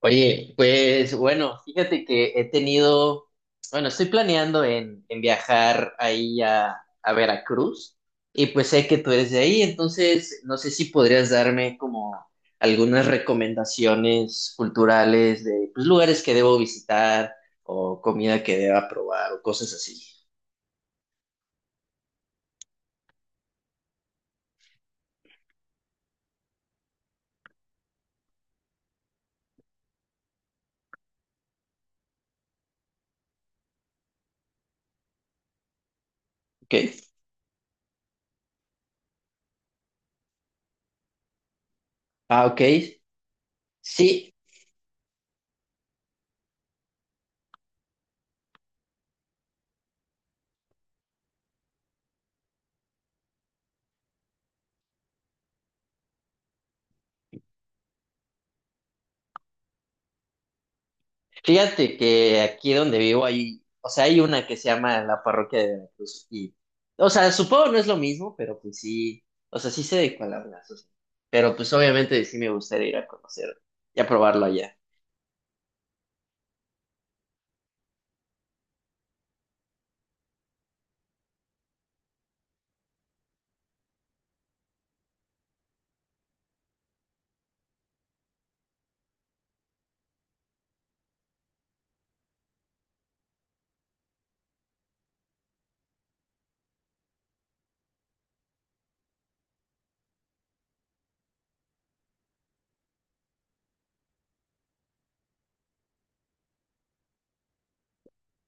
Oye, pues bueno, fíjate que he tenido, bueno, estoy planeando en viajar ahí a Veracruz y pues sé que tú eres de ahí, entonces no sé si podrías darme como algunas recomendaciones culturales de pues, lugares que debo visitar o comida que deba probar o cosas así. ¿Ok? Ah, ok. Sí. Fíjate que aquí donde vivo hay, o sea, hay una que se llama la parroquia de Veracruz y, o sea, supongo no es lo mismo, pero pues sí, o sea, sí sé de cuál hablas, o sea, pero pues obviamente sí me gustaría ir a conocer y a probarlo allá.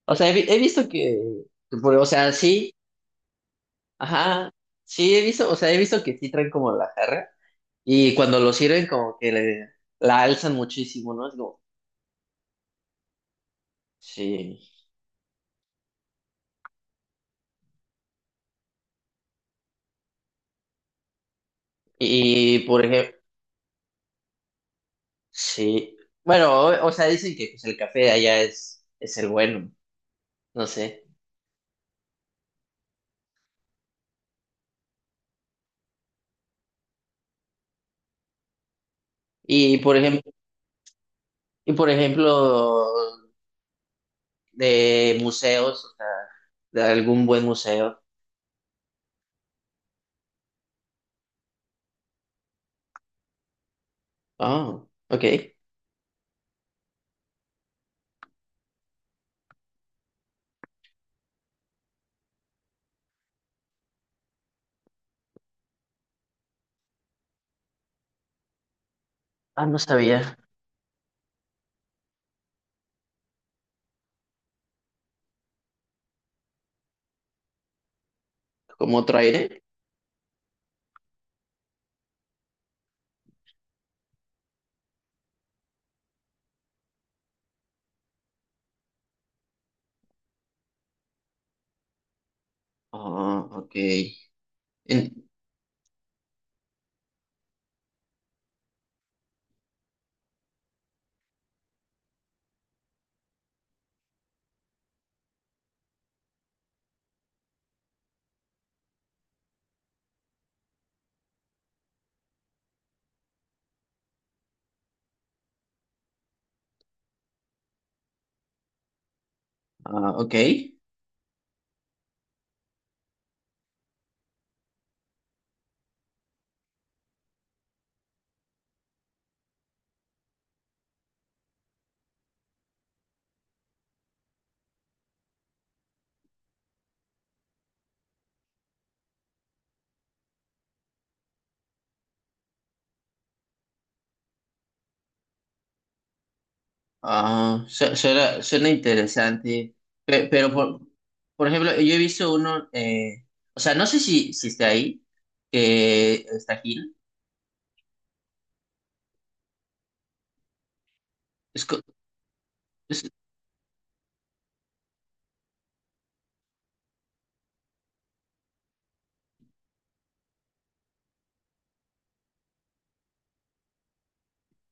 O sea, he visto que, o sea, sí, ajá, sí he visto, o sea, he visto que sí traen como la jarra y cuando lo sirven como que la alzan muchísimo, ¿no? Es como, sí. Y por ejemplo, sí. Bueno, o sea, dicen que pues, el café de allá es el bueno, no sé. Y por ejemplo, y por ejemplo, de museos, o sea, de algún buen museo. Oh, ok. Ah, no sabía. ¿Cómo otro aire? Ah, ok. En- ah, ok. Ah, suena, suena interesante. Pero, por ejemplo, yo he visto uno, o sea, no sé si está ahí, que está aquí.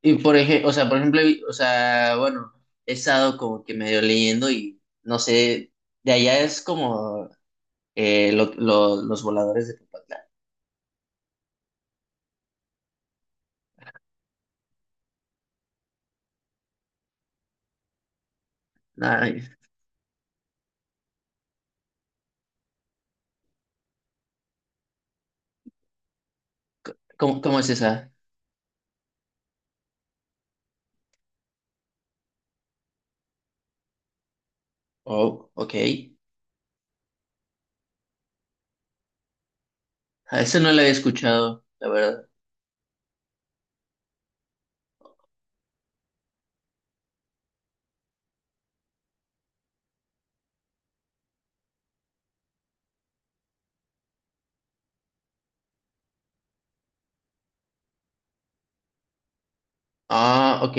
Y por ejemplo, o sea, por ejemplo, o sea, bueno, he estado como que medio leyendo y no sé, de allá es como los voladores de Popatlán. Ay, ¿cómo, cómo es esa? Oh, ok. A eso no la había escuchado, la verdad. Ah, ok.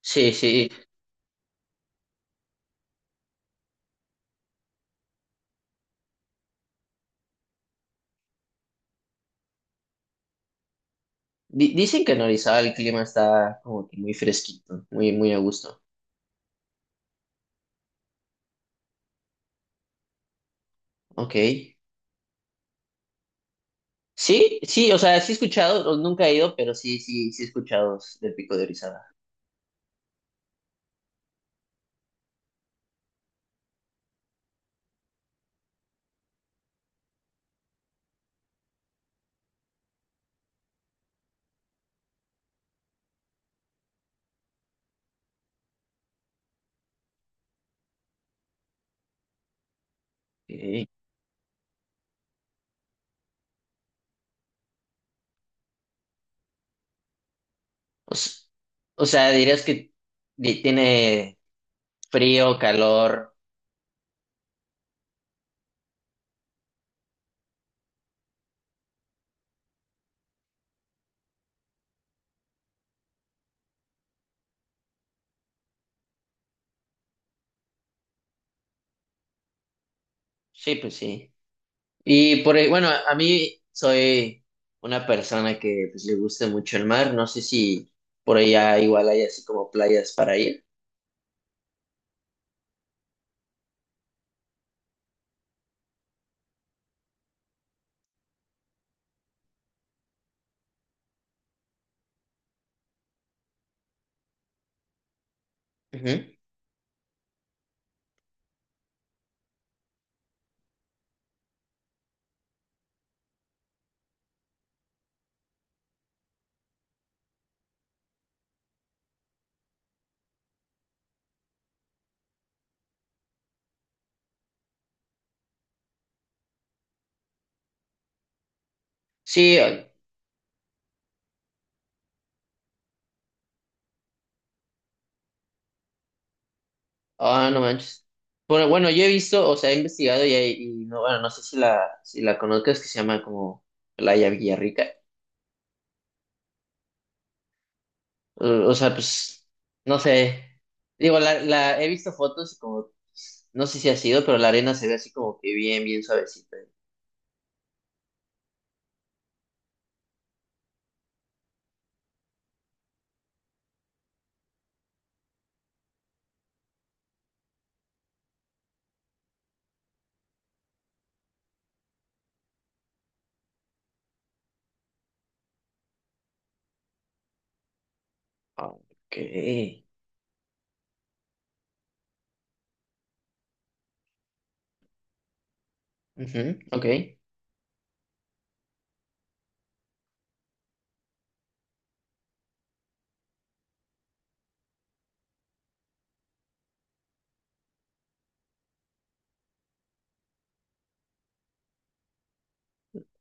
Sí, sí. Dicen que en Orizaba el clima está como que muy fresquito, muy, muy a gusto. Ok. Sí, sí, o sea, sí he escuchado, o nunca he ido, pero sí, sí, sí he escuchado del Pico de Orizaba. Ok. O, s- o sea, dirías que tiene frío, calor. Sí, pues sí. Bueno, a mí soy una persona que pues, le gusta mucho el mar. No sé si por allá igual hay así como playas para ir. Ujú. Sí, ah, ah, no manches. Bueno, bueno, yo he visto, o sea, he investigado y no, bueno, no sé si la conozcas, que se llama como Playa Villarrica. O, o sea, pues, no sé. Digo, la he visto fotos y como, pues, no sé si ha sido, pero la arena se ve así como que bien, bien suavecita. Ok. Ujú, ok.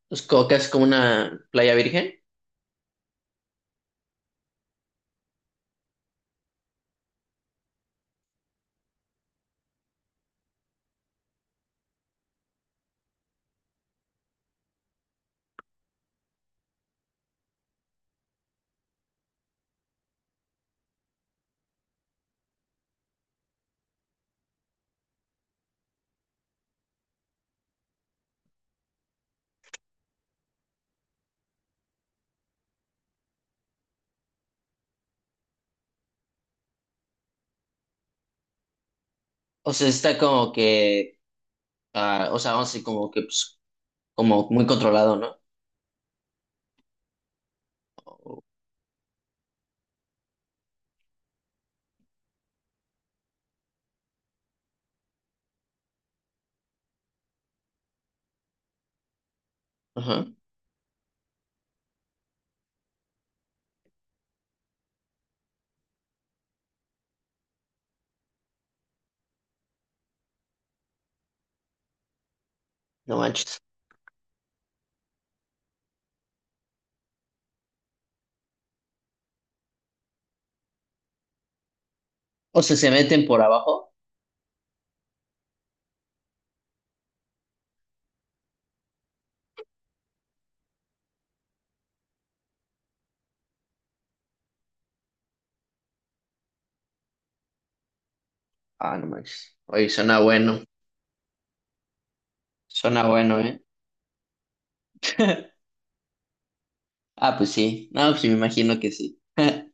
Pues como que es como una playa virgen. O sea, está como que, ah, o sea, vamos a decir como que, pues, como muy controlado, ¿no? O- ajá, no manches. O sea, se meten por abajo. Ah, no manches. Oye, suena bueno. Suena bueno, ¿eh? Ah, pues sí. No, pues me imagino que sí.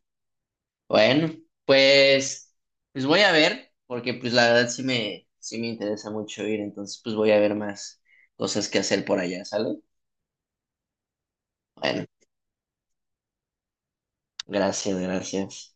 Bueno, pues, pues voy a ver, porque pues la verdad sí me interesa mucho ir, entonces pues voy a ver más cosas que hacer por allá, ¿sale? Bueno, gracias, gracias.